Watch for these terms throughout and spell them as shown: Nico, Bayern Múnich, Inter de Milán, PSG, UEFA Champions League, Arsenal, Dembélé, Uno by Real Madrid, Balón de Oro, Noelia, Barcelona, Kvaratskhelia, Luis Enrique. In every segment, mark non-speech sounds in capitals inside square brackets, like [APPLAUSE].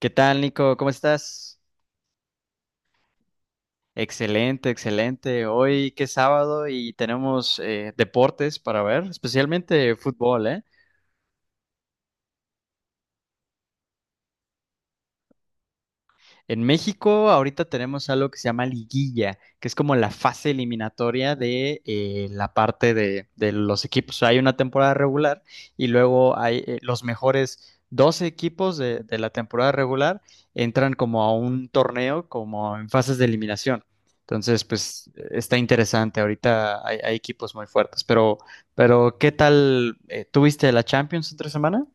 ¿Qué tal, Nico? ¿Cómo estás? Excelente, excelente. Hoy que es sábado y tenemos deportes para ver, especialmente fútbol, ¿eh? En México ahorita tenemos algo que se llama liguilla, que es como la fase eliminatoria de la parte de los equipos. O sea, hay una temporada regular y luego hay los mejores 12 equipos de la temporada regular entran como a un torneo, como en fases de eliminación. Entonces, pues está interesante. Ahorita hay equipos muy fuertes, pero ¿qué tal? ¿Tuviste la Champions entre semana?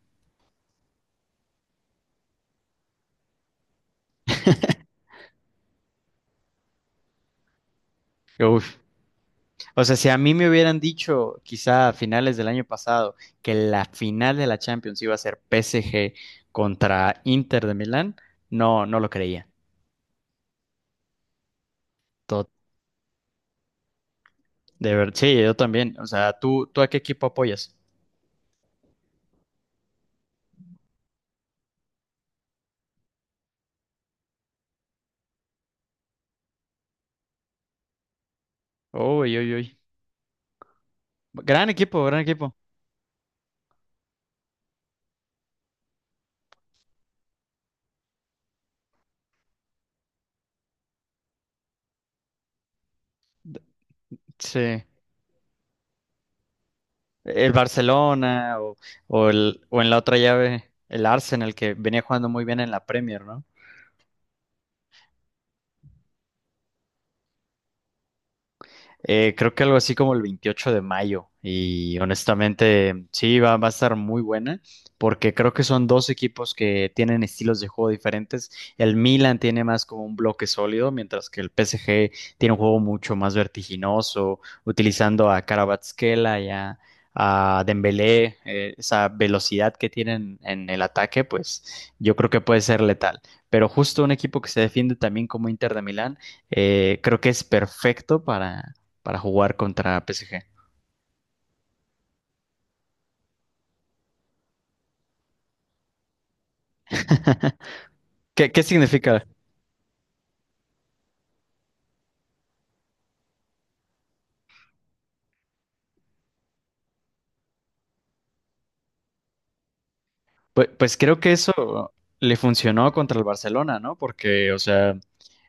Uf. O sea, si a mí me hubieran dicho, quizá a finales del año pasado, que la final de la Champions iba a ser PSG contra Inter de Milán, no lo creía. To- de ver, sí, yo también. O sea, ¿tú a qué equipo apoyas? Uy, uy, uy. Gran equipo, gran equipo. Sí. ¿El Barcelona o, o en la otra llave, el Arsenal, que venía jugando muy bien en la Premier, ¿no? Creo que algo así como el 28 de mayo. Y honestamente, sí, va a estar muy buena, porque creo que son dos equipos que tienen estilos de juego diferentes. El Milan tiene más como un bloque sólido, mientras que el PSG tiene un juego mucho más vertiginoso, utilizando a Kvaratskhelia y a Dembélé, esa velocidad que tienen en el ataque, pues yo creo que puede ser letal. Pero justo un equipo que se defiende también como Inter de Milán creo que es perfecto para jugar contra PSG. [LAUGHS] ¿Qué, qué significa? Pues, pues creo que eso le funcionó contra el Barcelona, ¿no? Porque, o sea,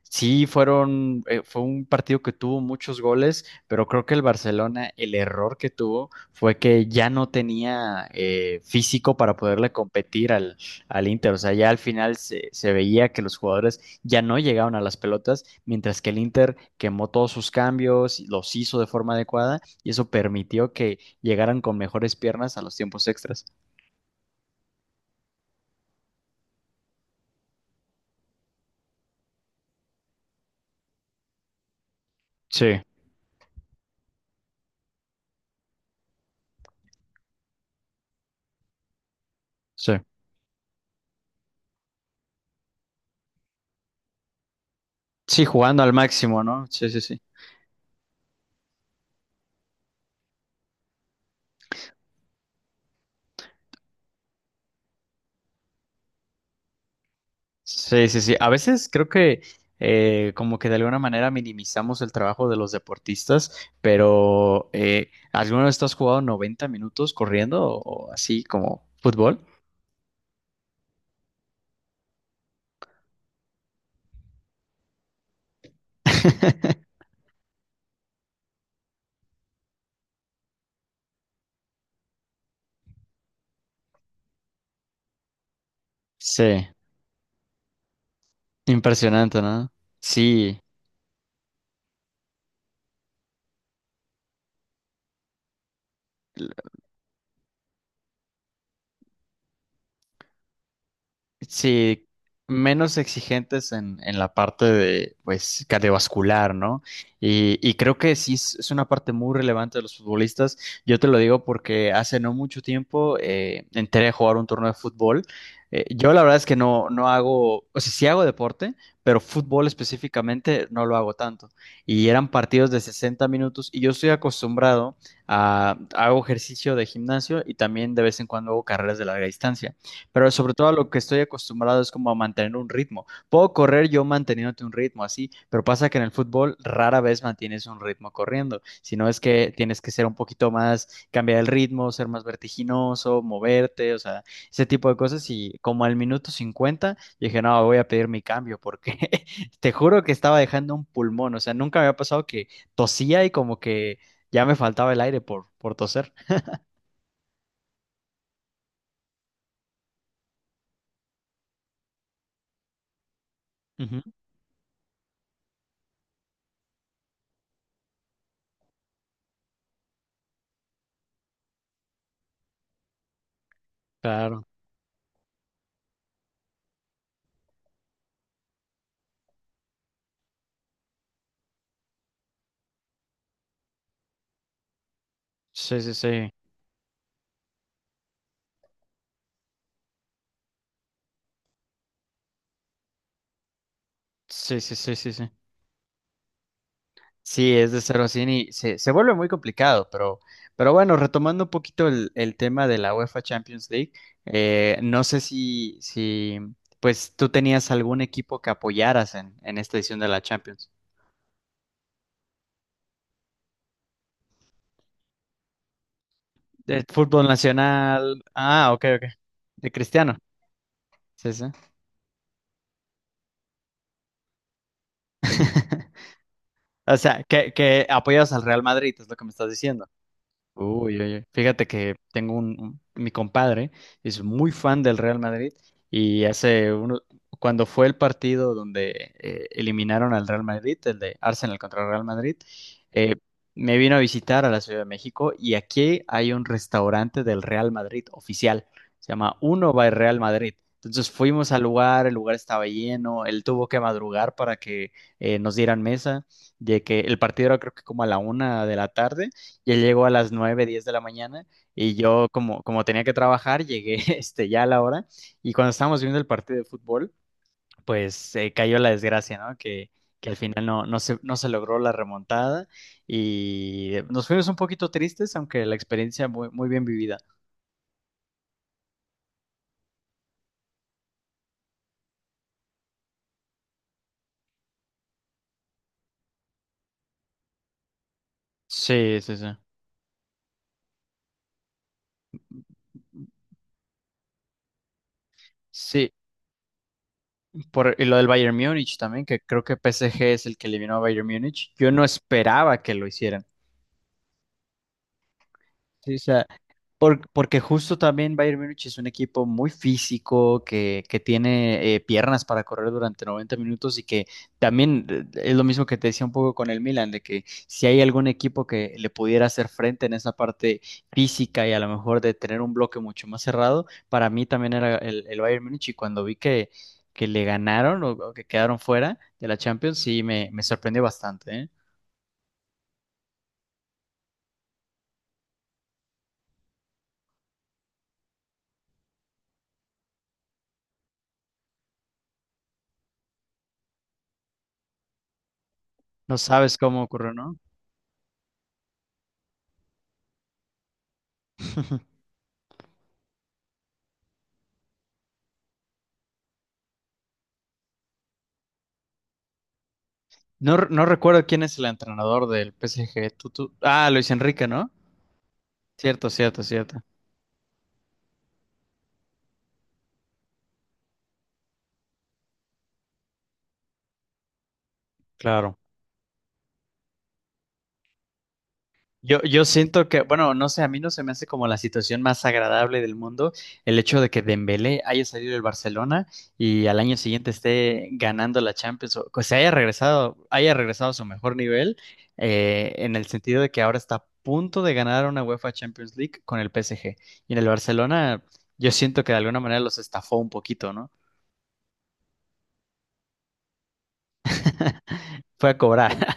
sí fueron, fue un partido que tuvo muchos goles, pero creo que el Barcelona, el error que tuvo fue que ya no tenía físico para poderle competir al, al Inter. O sea, ya al final se veía que los jugadores ya no llegaban a las pelotas, mientras que el Inter quemó todos sus cambios, los hizo de forma adecuada y eso permitió que llegaran con mejores piernas a los tiempos extras. Sí, sí. Sí, jugando al máximo, ¿no? Sí, sí, sí. Sí, sí, sí. A veces creo que como que de alguna manera minimizamos el trabajo de los deportistas, pero ¿alguna vez tú has jugado 90 minutos corriendo o así como fútbol? [LAUGHS] Sí, impresionante, ¿no? Sí. Sí, menos exigentes en la parte de, pues, cardiovascular, ¿no? Y creo que sí es una parte muy relevante de los futbolistas. Yo te lo digo porque hace no mucho tiempo entré a jugar un torneo de fútbol. Yo la verdad es que no hago, o sea, sí hago deporte, pero fútbol específicamente no lo hago tanto. Y eran partidos de 60 minutos y yo estoy acostumbrado a, hago ejercicio de gimnasio y también de vez en cuando hago carreras de larga distancia. Pero sobre todo a lo que estoy acostumbrado es como a mantener un ritmo. Puedo correr yo manteniéndote un ritmo así, pero pasa que en el fútbol rara vez mantienes un ritmo corriendo, sino es que tienes que ser un poquito más, cambiar el ritmo, ser más vertiginoso, moverte, o sea, ese tipo de cosas. Y como al minuto 50 yo dije, no, voy a pedir mi cambio porque [LAUGHS] te juro que estaba dejando un pulmón, o sea, nunca me había pasado que tosía y como que ya me faltaba el aire por toser. Ujú, claro, sí, sí, sí, sí, sí, sí, sí. Sí. Sí, es de 0 a 100 y se vuelve muy complicado, pero bueno, retomando un poquito el tema de la UEFA Champions League, no sé si pues tú tenías algún equipo que apoyaras en esta edición de la Champions. De fútbol nacional. Ah, ok, ok. De Cristiano. Sí, sí. [LAUGHS] O sea, que apoyas al Real Madrid, es lo que me estás diciendo. Uy, oye, fíjate que tengo un, mi compadre es muy fan del Real Madrid y hace uno, cuando fue el partido donde eliminaron al Real Madrid, el de Arsenal contra el Real Madrid, eh, me vino a visitar a la Ciudad de México y aquí hay un restaurante del Real Madrid oficial, se llama Uno by Real Madrid. Entonces fuimos al lugar, el lugar estaba lleno, él tuvo que madrugar para que nos dieran mesa, de que el partido era creo que como a la 1 de la tarde y él llegó a las 9:10 de la mañana y yo como, como tenía que trabajar, llegué [LAUGHS] este, ya a la hora y cuando estábamos viendo el partido de fútbol, pues cayó la desgracia, ¿no? Que al final no se logró la remontada y nos fuimos un poquito tristes, aunque la experiencia muy, muy bien vivida. Sí, sí, sí. Sí, por, y lo del Bayern Múnich también, que creo que PSG es el que eliminó a Bayern Múnich. Yo no esperaba que lo hicieran. Sí, o sea, porque justo también Bayern Múnich es un equipo muy físico, que tiene piernas para correr durante 90 minutos y que también es lo mismo que te decía un poco con el Milan, de que si hay algún equipo que le pudiera hacer frente en esa parte física y a lo mejor de tener un bloque mucho más cerrado, para mí también era el Bayern Múnich y cuando vi que le ganaron o que quedaron fuera de la Champions, sí, me sorprendió bastante, ¿eh? No sabes cómo ocurrió, ¿no? No, no recuerdo quién es el entrenador del PSG. Ah, Luis Enrique, ¿no? Cierto, cierto, cierto. Claro. Yo siento que, bueno, no sé, a mí no se me hace como la situación más agradable del mundo el hecho de que Dembélé haya salido del Barcelona y al año siguiente esté ganando la Champions, o que se haya regresado a su mejor nivel, en el sentido de que ahora está a punto de ganar una UEFA Champions League con el PSG. Y en el Barcelona, yo siento que de alguna manera los estafó un poquito, ¿no? [LAUGHS] Fue a cobrar.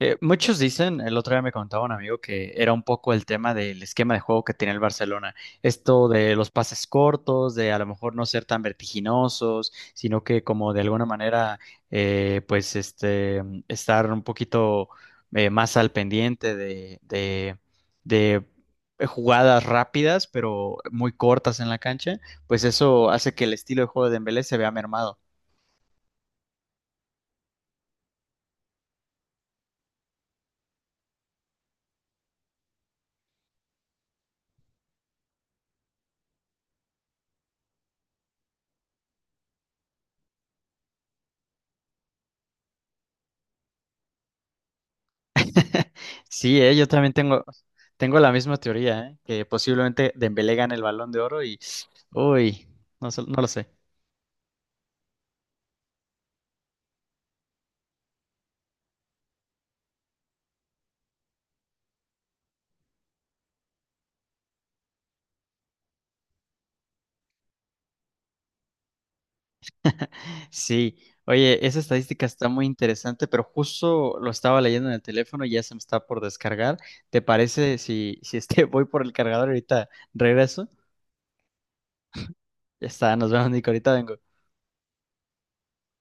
Muchos dicen, el otro día me contaba un amigo que era un poco el tema del esquema de juego que tenía el Barcelona. Esto de los pases cortos, de a lo mejor no ser tan vertiginosos, sino que como de alguna manera, pues este, estar un poquito más al pendiente de jugadas rápidas, pero muy cortas en la cancha, pues eso hace que el estilo de juego de Dembélé se vea mermado. [LAUGHS] Sí, yo también tengo, tengo la misma teoría, que posiblemente Dembélé gane el Balón de Oro y, uy, no, no lo sé. Sí, oye, esa estadística está muy interesante, pero justo lo estaba leyendo en el teléfono y ya se me está por descargar. ¿Te parece si es que [LAUGHS] voy por el cargador ahorita regreso? Ya está, nos vemos, Nico, ahorita vengo.